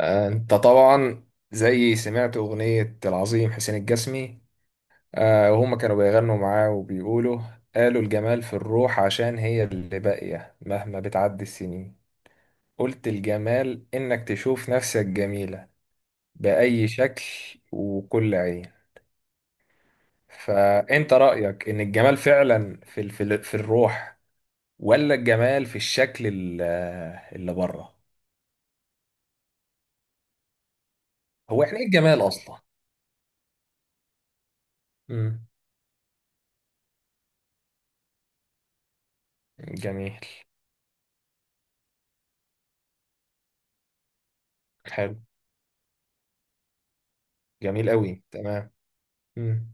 آه، انت طبعا زي سمعت اغنية العظيم حسين الجسمي. آه، وهما كانوا بيغنوا معاه وبيقولوا: قالوا الجمال في الروح، عشان هي اللي باقية مهما بتعدي السنين. قلت الجمال انك تشوف نفسك جميلة بأي شكل وكل عين. فانت رأيك ان الجمال فعلا في الروح، ولا الجمال في الشكل اللي بره؟ هو يعني ايه الجمال اصلا؟ مم. جميل، حلو، جميل قوي، تمام. مم.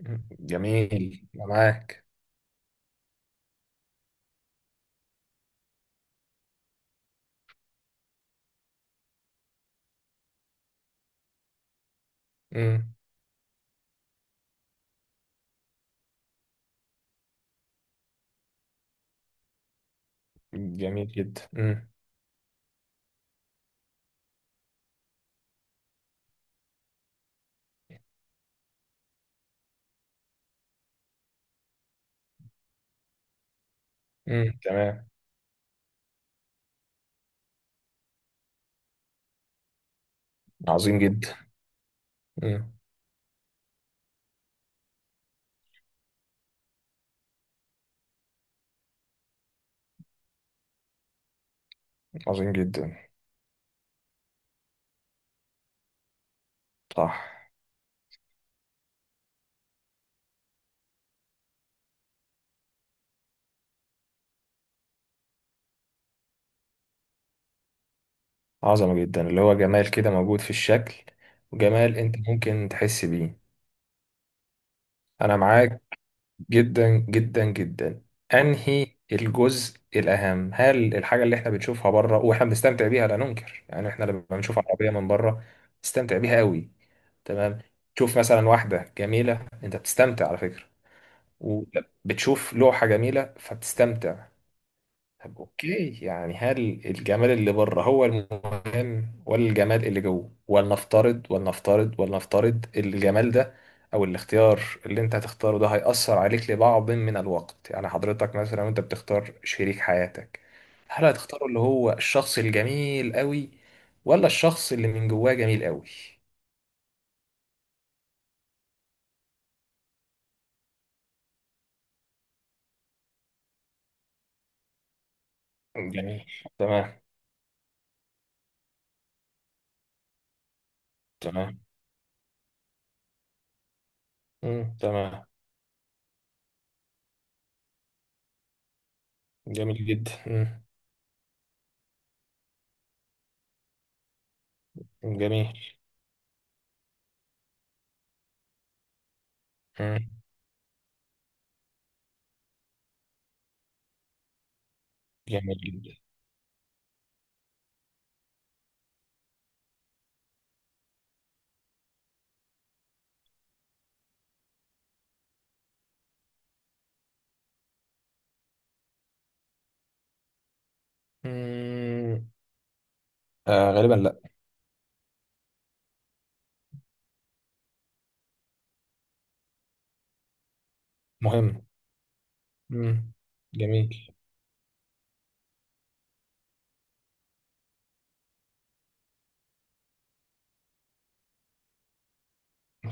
مم. جميل، أنا معاك. مم. جميل جدا. مم. مم. تمام. عظيم جدا. مم. عظيم جدا. صح. عظمة جدا، اللي هو جمال كده موجود في الشكل، وجمال انت ممكن تحس بيه. انا معاك جدا جدا جدا. انهي الجزء الاهم؟ هل الحاجة اللي احنا بنشوفها بره واحنا بنستمتع بيها، لا ننكر، يعني احنا لما بنشوف عربية من بره نستمتع بيها قوي. تمام. تشوف مثلا واحدة جميلة انت بتستمتع على فكرة، وبتشوف لوحة جميلة فبتستمتع. طب اوكي، يعني هل الجمال اللي بره هو المهم ولا الجمال اللي جوه؟ ولنفترض الجمال ده او الاختيار اللي انت هتختاره ده هيأثر عليك لبعض من الوقت. يعني حضرتك مثلا وانت بتختار شريك حياتك، هل هتختاره اللي هو الشخص الجميل قوي، ولا الشخص اللي من جواه جميل قوي؟ جميل. تمام. تمام. مم. تمام. جميل جدا. مم. جميل. مم. جميل جدا. مم. آه، غالبا لا. مهم. مم. جميل.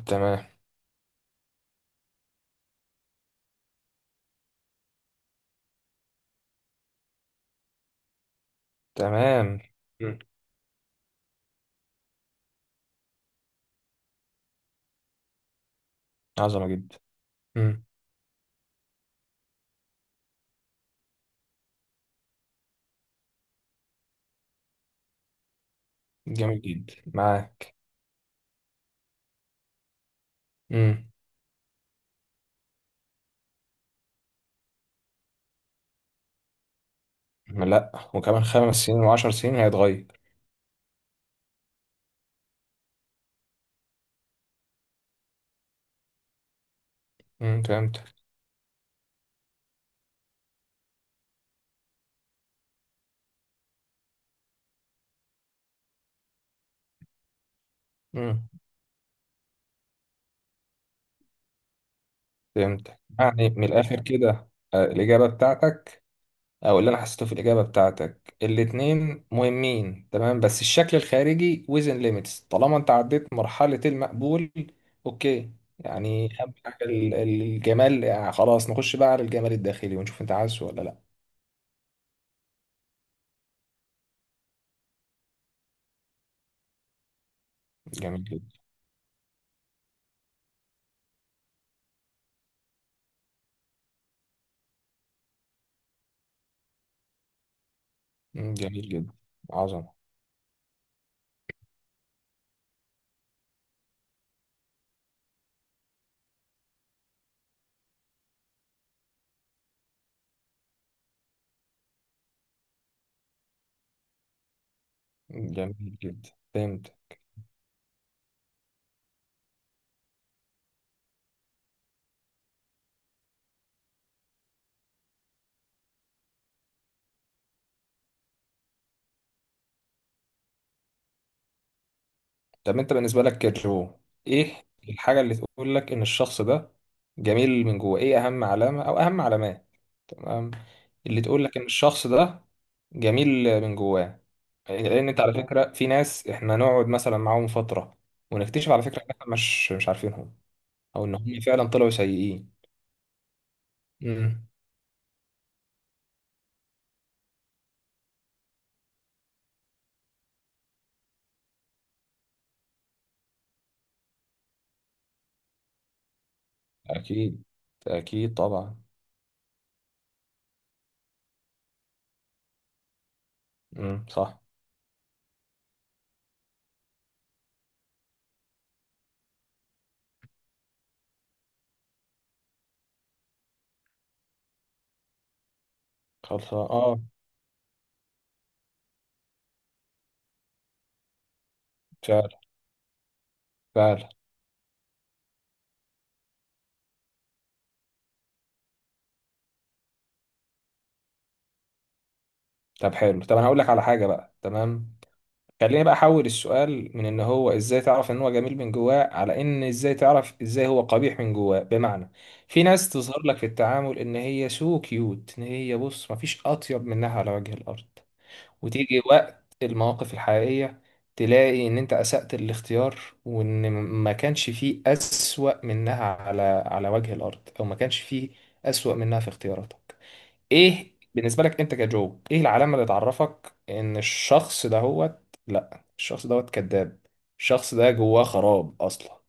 تمام. تمام. مم. عظمة جدا. مم. جميل جدا، معاك. مم. لا، وكمان 5 سنين وعشر سنين هيتغير. مم. فهمتك. مم. فهمتك، يعني من الآخر كده الإجابة بتاعتك، او اللي انا حسيته في الاجابه بتاعتك، الاتنين مهمين، تمام، بس الشكل الخارجي within limits طالما انت عديت مرحله المقبول. اوكي، يعني اهم حاجه الجمال يعني خلاص نخش بقى على الجمال الداخلي ونشوف انت عايزه ولا لا. جميل جدا. مم، جميل جدا. عظمه. جميل جدا، فهمت. طب انت بالنسبه لك كجو، ايه الحاجه اللي تقول لك ان الشخص ده جميل من جوه؟ ايه اهم علامه او اهم علامات؟ تمام. اللي تقول لك ان الشخص ده جميل من جواه. لان انت على فكره، في ناس احنا نقعد مثلا معاهم فتره، ونكتشف على فكره ان احنا مش عارفينهم. او ان هم فعلا طلعوا سيئين. امم. اكيد، اكيد طبعا. امم، صح. خلص، اه. فعلا، فعلا. طب حلو، طب انا هقول لك على حاجه بقى، تمام. خليني بقى احول السؤال من ان هو ازاي تعرف ان هو جميل من جواه، على ان ازاي تعرف ازاي هو قبيح من جواه، بمعنى: في ناس تظهر لك في التعامل ان هي سو كيوت، ان هي بص مفيش اطيب منها على وجه الارض. وتيجي وقت المواقف الحقيقية، تلاقي ان انت اسأت الاختيار، وان ما كانش فيه اسوأ منها على وجه الارض، او ما كانش فيه اسوأ منها في اختياراتك. ايه بالنسبه لك انت كجو، ايه العلامه اللي تعرفك ان الشخص دهوت، لا الشخص دهوت كذاب، الشخص ده جواه خراب اصلا؟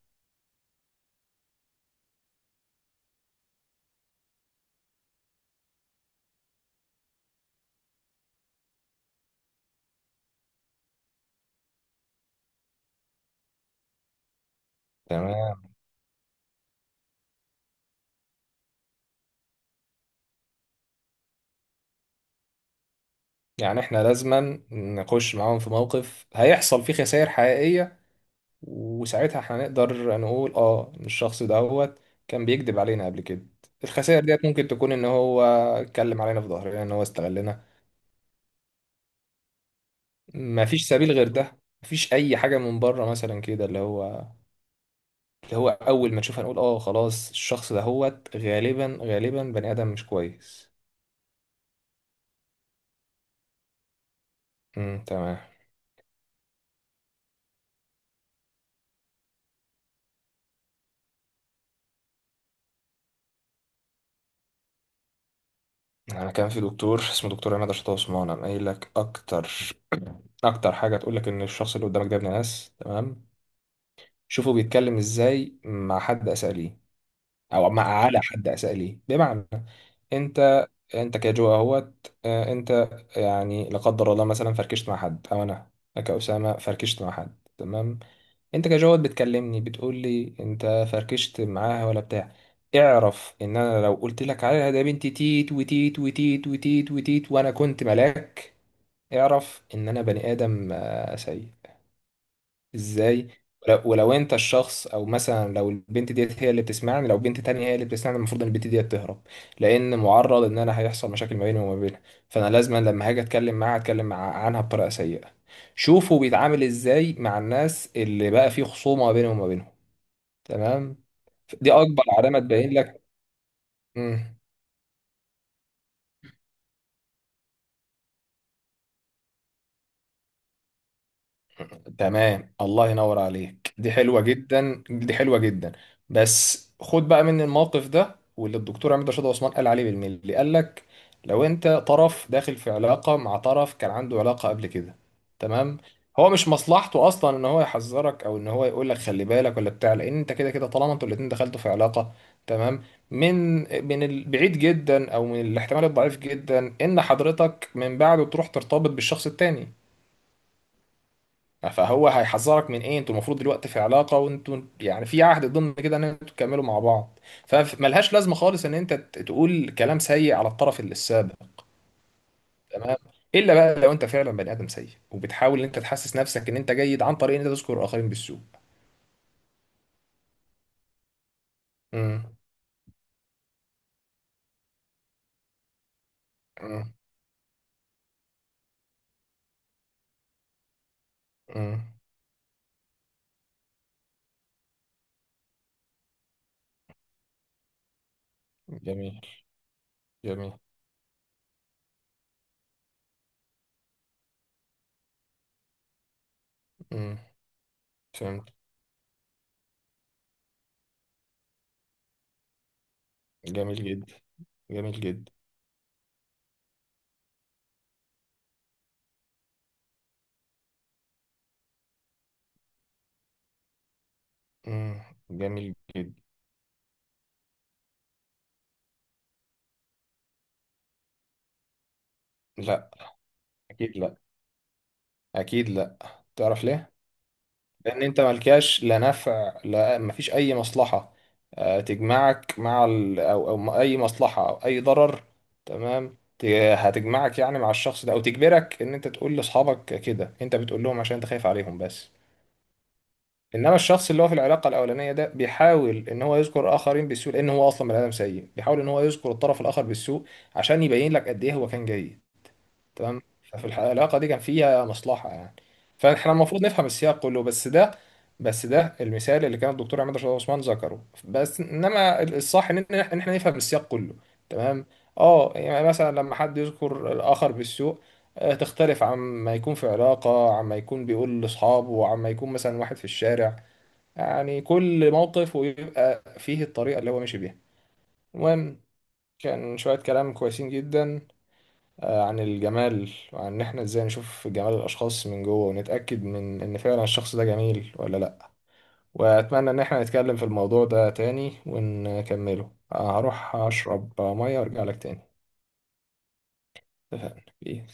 تمام. يعني احنا لازما نخش معاهم في موقف هيحصل فيه خسائر حقيقيه، وساعتها هنقدر نقول ان الشخص دهوت كان بيكذب علينا قبل كده. الخسائر ديت ممكن تكون ان هو اتكلم علينا في ظهرنا، ان هو استغلنا. مفيش سبيل غير ده؟ مفيش اي حاجه من بره مثلا كده اللي هو اول ما تشوفها نقول خلاص الشخص ده هوت غالبا غالبا بني ادم مش كويس؟ امم، تمام. انا كان في دكتور اسمه دكتور عماد رشاد عثمان، قام قايل لك اكتر اكتر حاجه تقول لك ان الشخص اللي قدامك ده ابن ناس، تمام. شوفه بيتكلم ازاي مع حد اساء ليه، او مع على حد اساء ليه، بمعنى: انت انت كجو اهوت، انت يعني لا قدر الله مثلا فركشت مع حد، او انا كاسامه فركشت مع حد، تمام. انت كجواد بتكلمني بتقول لي انت فركشت معاها ولا بتاع، اعرف ان انا لو قلت لك عليها ده بنت تيت وتيت وتيت وتيت وتيت وانا كنت ملاك، اعرف ان انا بني ادم سيء، ازاي؟ ولو انت الشخص، او مثلا لو البنت ديت هي اللي بتسمعني، لو بنت تانية هي اللي بتسمعني المفروض ان البنت ديت تهرب. لان معرض ان انا هيحصل مشاكل ما بيني وما بينها. فانا لازما لما هاجي اتكلم معاها اتكلم عنها بطريقة سيئة. شوفوا بيتعامل ازاي مع الناس اللي بقى فيه خصومة ما بينهم وما بينهم. تمام، دي اكبر علامه تبين لك. مم. تمام، الله ينور عليك، دي حلوة جدا، دي حلوة جدا. بس خد بقى مني الموقف ده واللي الدكتور عماد رشاد عثمان قال عليه بالملي، قال لك: لو انت طرف داخل في علاقة مع طرف كان عنده علاقة قبل كده، تمام، هو مش مصلحته اصلا ان هو يحذرك او ان هو يقول لك خلي بالك ولا بتاع، لان انت كده كده طالما انتوا الاتنين دخلتوا في علاقة، تمام، من من البعيد جدا، او من الاحتمال الضعيف جدا ان حضرتك من بعده تروح ترتبط بالشخص التاني. فهو هيحذرك من ايه؟ انتوا المفروض دلوقتي في علاقه، وانتوا يعني في عهد ضمن كده ان انتوا تكملوا مع بعض. فملهاش لازمه خالص ان انت تقول كلام سيء على الطرف اللي السابق، تمام. الا بقى لو انت فعلا بني ادم سيء وبتحاول ان انت تحسس نفسك ان انت جيد عن طريق ان انت تذكر الاخرين بالسوء. امم. امم. امم. جميل، جميل. امم. فهمت. جميل جدا، جميل جدا. امم، جميل جدا. لا، اكيد لا، اكيد لا. تعرف ليه؟ لان انت ملكاش لا نفع لا، مفيش اي مصلحه تجمعك مع ال... او او م- اي مصلحه او اي ضرر، تمام. هتجمعك يعني مع الشخص ده، او تجبرك ان انت تقول لاصحابك كده، انت بتقول لهم عشان انت خايف عليهم بس. انما الشخص اللي هو في العلاقه الاولانيه ده بيحاول ان هو يذكر اخرين بالسوء، لان هو اصلا بني ادم سيء بيحاول ان هو يذكر الطرف الاخر بالسوء عشان يبين لك قد ايه هو كان جيد، تمام. ففي العلاقه دي كان فيها مصلحه يعني. فاحنا المفروض نفهم السياق كله، بس ده، بس ده المثال اللي كان الدكتور عماد رشاد عثمان ذكره بس. انما الصح ان إن احنا نفهم السياق كله، تمام. اه يعني مثلا لما حد يذكر الاخر بالسوء، تختلف عما يكون في علاقه، عما يكون بيقول لاصحابه، عما يكون مثلا واحد في الشارع. يعني كل موقف ويبقى فيه الطريقه اللي هو ماشي بيها. المهم، كان شويه كلام كويسين جدا عن الجمال، وعن ان احنا ازاي نشوف جمال الاشخاص من جوه ونتاكد من ان فعلا الشخص ده جميل ولا لا. واتمنى ان احنا نتكلم في الموضوع ده تاني ونكمله. هروح اشرب ميه وارجع لك تاني. اتفقنا.